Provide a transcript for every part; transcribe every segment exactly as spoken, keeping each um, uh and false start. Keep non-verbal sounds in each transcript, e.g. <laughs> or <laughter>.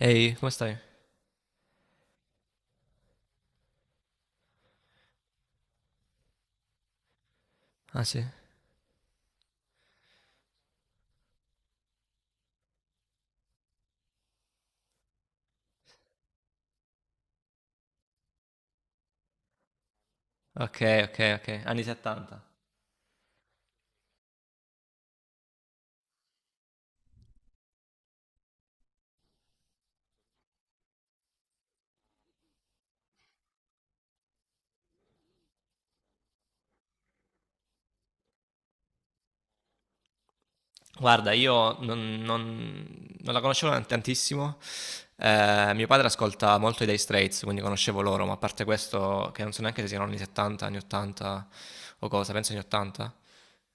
Ehi, come stai? Ah sì. Ok, ok, ok. Anni settanta. Guarda, io non, non- non la conoscevo tant- tantissimo. Eh, mio padre ascolta molto i Day Straits, quindi conoscevo loro, ma a parte questo, che non so neanche se siano anni settanta, anni ottanta o cosa, penso anni ottanta.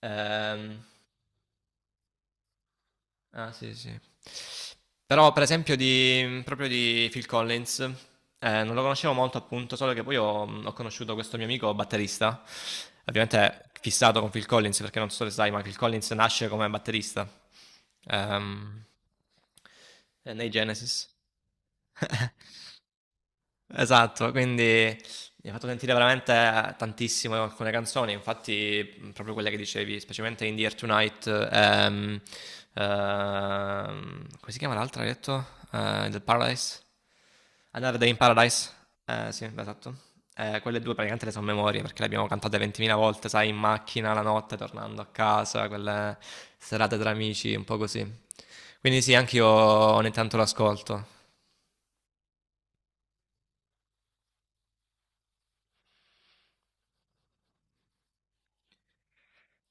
Ehm, Ah, sì, sì. Però, per esempio, di, proprio di Phil Collins, eh, non lo conoscevo molto, appunto, solo che poi ho, mm, ho conosciuto questo mio amico batterista, ovviamente fissato con Phil Collins, perché non so se sai, ma Phil Collins nasce come batterista ehm, eh, nei Genesis. Esatto, quindi mi ha fatto sentire veramente tantissimo alcune canzoni, infatti proprio quelle che dicevi, specialmente In The Air Tonight, ehm, ehm, come si chiama l'altra, hai detto? Eh, del Paradise? Another Day in Paradise? Eh, sì, esatto. Eh, quelle due praticamente le sono memorie perché le abbiamo cantate ventimila volte, sai, in macchina la notte, tornando a casa, quelle serate tra amici, un po' così. Quindi sì, anche io ogni tanto l'ascolto.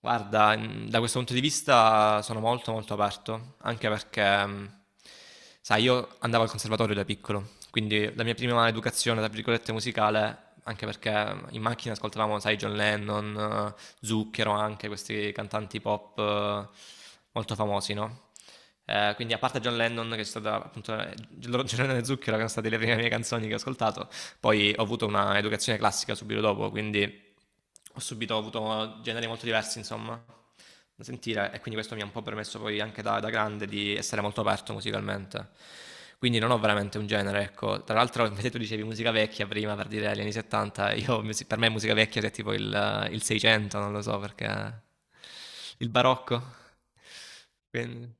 Guarda, mhmm, da questo punto di vista sono molto, molto aperto, anche perché, mhmm, sai io andavo al conservatorio da piccolo, quindi la mia prima "educazione" tra virgolette musicale, anche perché mm, in macchina ascoltavamo, sai, John Lennon, eh, Zucchero anche, questi cantanti pop eh, molto famosi, no, ehm, quindi a parte John Lennon che è stata appunto ehm, John Lennon e Zucchero che erano state le prime mie canzoni che ho ascoltato, poi ho avuto una educazione classica subito dopo, quindi ho subito ho avuto generi molto diversi, insomma, da sentire e quindi questo mi ha un po' permesso poi anche da, da grande di essere molto aperto musicalmente. Quindi non ho veramente un genere, ecco. Tra l'altro, <laughs> invece tu dicevi musica vecchia prima per dire gli anni settanta, io, musi- per me musica vecchia è tipo il, il seicento, non lo so perché. Il barocco. Quindi.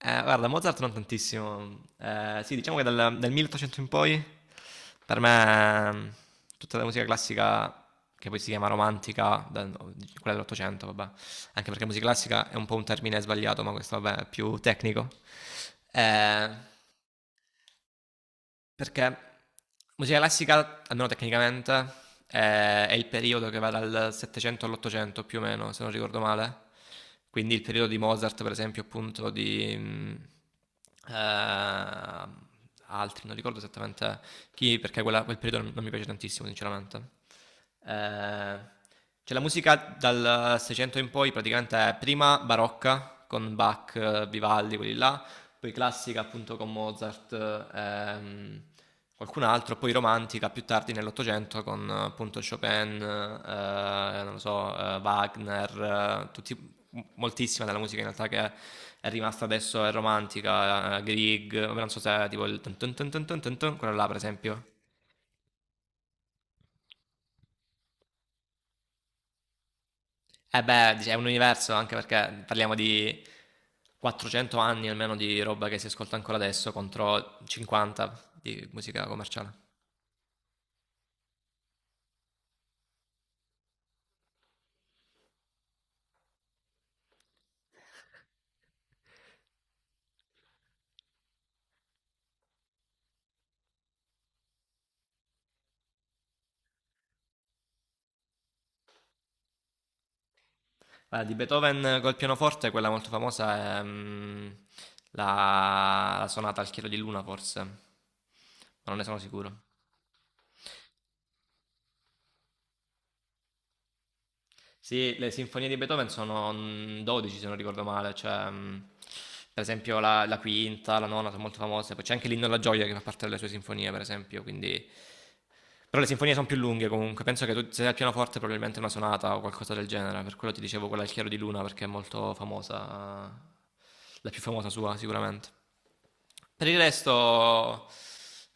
Eh, guarda, Mozart non tantissimo. Eh, sì, diciamo che dal, dal milleottocento in poi, per me, mm, tutta la musica classica, che poi si chiama romantica, da- no, di- quella dell'Ottocento, vabbè, anche perché musica classica è un po' un termine sbagliato, ma questo, vabbè, è più tecnico. Eh, perché musica classica, almeno tecnicamente, è, è il periodo che va dal settecento all'ottocento più o meno, se non ricordo male. Quindi il periodo di Mozart, per esempio, appunto, di... mh, eh, altri, non ricordo esattamente chi, perché quella- quel periodo non, non mi piace tantissimo, sinceramente. Eh, c'è la musica dal seicento in poi, praticamente è prima barocca, con Bach, eh, Vivaldi, quelli là, poi classica appunto con Mozart ehm, qualcun altro, poi romantica più tardi nell'Ottocento con appunto Chopin, eh, non lo so, eh, Wagner, eh, tutti, moltissima della musica in realtà che è rimasta adesso è romantica, eh, Grieg, non so se è tipo il tun tun tun tun tun tun tun, quello là per esempio. E Eh beh, dice, è un universo anche perché parliamo di quattrocento anni almeno di roba che si ascolta ancora adesso contro cinquanta di musica commerciale. Guarda, di Beethoven col pianoforte, quella molto famosa è mm, la, la sonata al chiaro di luna, forse, ma non ne sono sicuro. Sì, le sinfonie di Beethoven sono mm, dodici, se non ricordo male, cioè, mm, per esempio la, la quinta, la nona sono molto famose, poi c'è anche l'Inno alla gioia che fa parte delle sue sinfonie, per esempio, quindi. Però le sinfonie sono più lunghe comunque, penso che tu, se sei al pianoforte probabilmente è una sonata o qualcosa del genere, per quello ti dicevo quella al chiaro di luna perché è molto famosa, la più famosa sua sicuramente. Per il resto,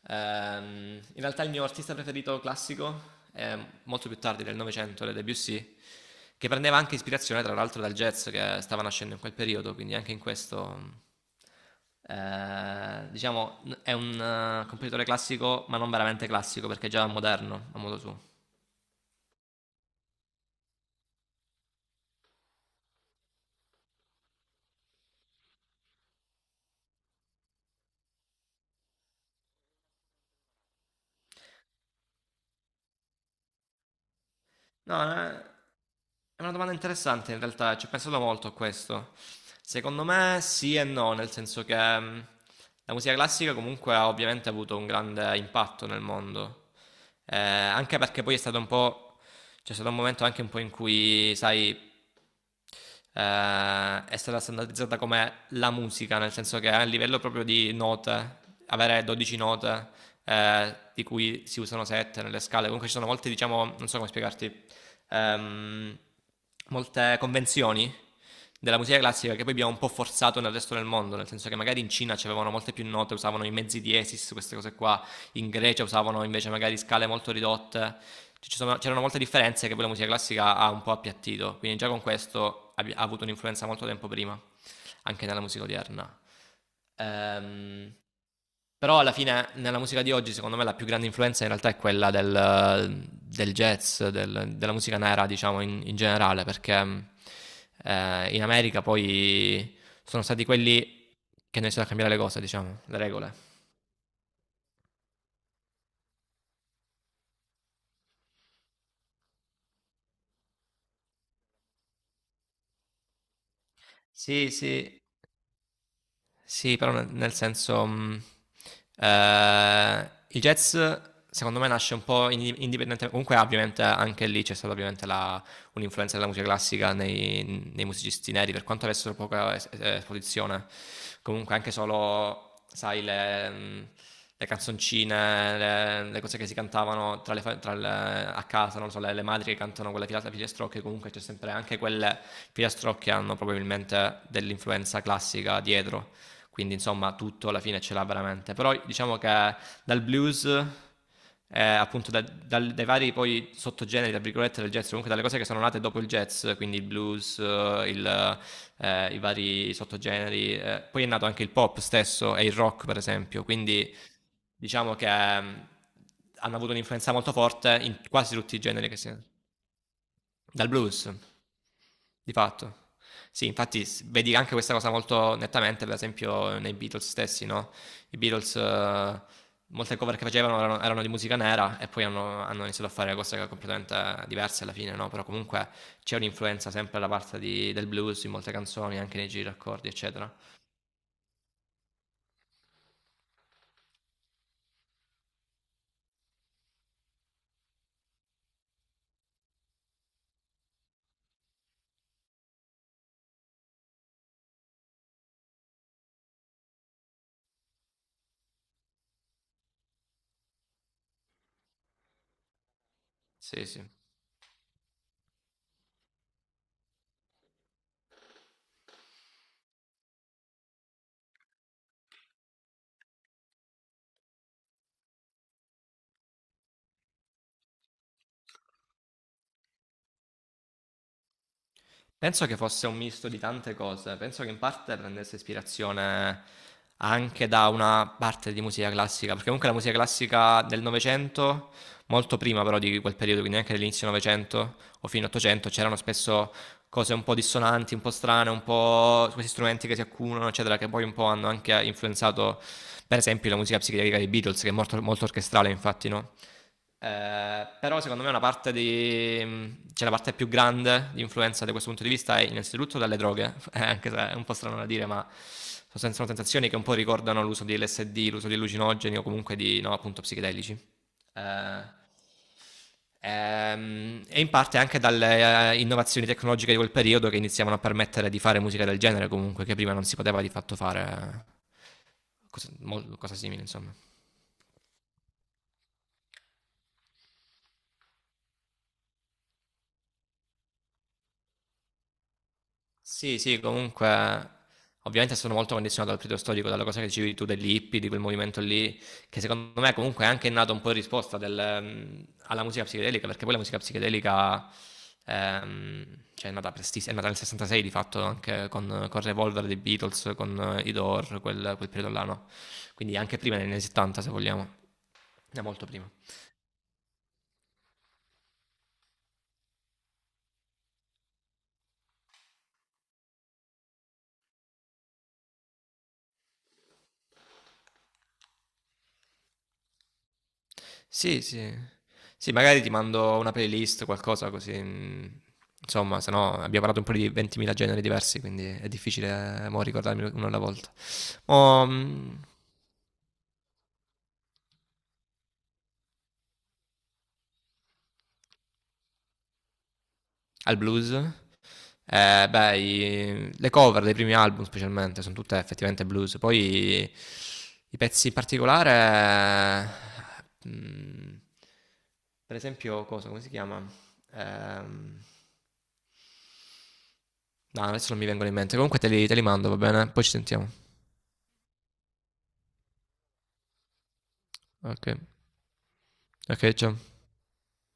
ehm, in realtà il mio artista preferito classico è molto più tardi del Novecento, le Debussy, che prendeva anche ispirazione tra l'altro dal jazz che stava nascendo in quel periodo, quindi anche in questo, eh, diciamo, è un eh, compositore classico, ma non veramente classico perché è già moderno a modo suo. No, eh, è una domanda interessante in realtà, ci ho pensato molto a questo. Secondo me sì e no, nel senso che mm, la musica classica comunque ha ovviamente avuto un grande impatto nel mondo. Eh, anche perché poi è stato un po', c'è stato un momento anche un po' in cui, sai, eh, è stata standardizzata come la musica, nel senso che a livello proprio di note, avere dodici note, eh, di cui si usano sette nelle scale, comunque ci sono molte, diciamo, non so come spiegarti, ehm, molte convenzioni della musica classica che poi abbiamo un po' forzato nel resto del mondo, nel senso che magari in Cina ci avevano molte più note, usavano i mezzi diesis, queste cose qua, in Grecia usavano invece magari scale molto ridotte. Ci sono- c'erano molte differenze che poi la musica classica ha un po' appiattito, quindi già con questo abbi- ha avuto un'influenza molto tempo prima, anche nella musica odierna. Ehm, però alla fine nella musica di oggi, secondo me, la più grande influenza in realtà è quella del, del jazz, del- della musica nera, diciamo, in, in generale, perché mh, eh, in America poi sono stati quelli che hanno iniziato a cambiare le cose, diciamo, le regole. Sì, sì, Sì, però nel nel senso, mhmm, ehm, il jazz secondo me nasce un po' indi indipendente comunque ovviamente anche lì c'è stata ovviamente la un'influenza della musica classica nei nei musicisti neri, per quanto avessero poca es ehm, esposizione. Comunque anche solo, sai, le mhmm, le canzoncine, le le cose che si cantavano tra le fa tra le a casa, non lo so, le le madri che cantano quella filata filastrocche, comunque c'è sempre anche quelle filastrocche che hanno probabilmente dell'influenza classica dietro, quindi insomma tutto alla fine ce l'ha veramente. Però diciamo che dal blues, eh, appunto da- dal- dai vari poi sottogeneri, tra virgolette, del jazz, comunque dalle cose che sono nate dopo il jazz, quindi il blues, eh, il, eh, i vari sottogeneri, eh, poi è nato anche il pop stesso e il rock per esempio, quindi diciamo che mm, hanno avuto un'influenza molto forte in quasi tutti i generi che si. Dal blues, di fatto. Sì, infatti s- vedi anche questa cosa molto nettamente, per esempio, nei Beatles stessi, no? I Beatles, eh, molte cover che facevano erano, erano di musica nera e poi hanno, hanno iniziato a fare cose completamente diverse alla fine, no? Però comunque c'è un'influenza sempre da parte di- del blues in molte canzoni, anche nei giri d'accordi, eccetera. Sì, sì. Penso che fosse un misto di tante cose, penso che in parte prendesse ispirazione anche da una parte di musica classica, perché comunque la musica classica del Novecento, molto prima però di quel periodo, quindi anche dell'inizio Novecento o fino all'Ottocento, c'erano spesso cose un po' dissonanti, un po' strane, un po' questi strumenti che si accumulano, eccetera, che poi un po' hanno anche influenzato, per esempio, la musica psichedelica dei Beatles, che è molto, molto orchestrale, infatti, no? Eh, però secondo me una parte di... cioè la parte più grande di influenza da questo punto di vista è innanzitutto dalle droghe, <laughs> eh, anche se è un po' strano da dire, ma sono, sono sensazioni che un po' ricordano l'uso di L S D, l'uso di allucinogeni o comunque di, no, appunto, psichedelici. Eh, ehm, e in parte anche dalle eh, innovazioni tecnologiche di quel periodo che iniziavano a permettere di fare musica del genere comunque, che prima non si poteva di fatto fare eh, cosa, mol- cosa simile, insomma. Sì, sì, comunque ovviamente sono molto condizionato dal periodo storico, dalla cosa che dicevi tu degli hippie, di quel movimento lì, che secondo me comunque è anche nato un po' in risposta del, ehm, alla musica psichedelica, perché poi la musica psichedelica ehm, cioè è nata prestissimo, è nata nel sessantasei di fatto, anche con, con Revolver dei Beatles, con eh, i Door, quel, quel periodo là, no? Quindi anche prima, negli anni settanta se vogliamo, è molto prima. Sì, sì. Sì, magari ti mando una playlist, qualcosa così. mm, Insomma, se no abbiamo parlato un po' di ventimila generi diversi, quindi è difficile eh, mo ricordarmi uno alla volta. Mo, mm, al blues, eh, beh, i- le cover dei primi album specialmente sono tutte effettivamente blues. Poi i pezzi in particolare, eh, mm, per esempio, cosa, come si chiama? Ehm, No, adesso non mi vengono in mente. Comunque te li, te li mando, va bene? Poi ci sentiamo. Ok, ok, ciao.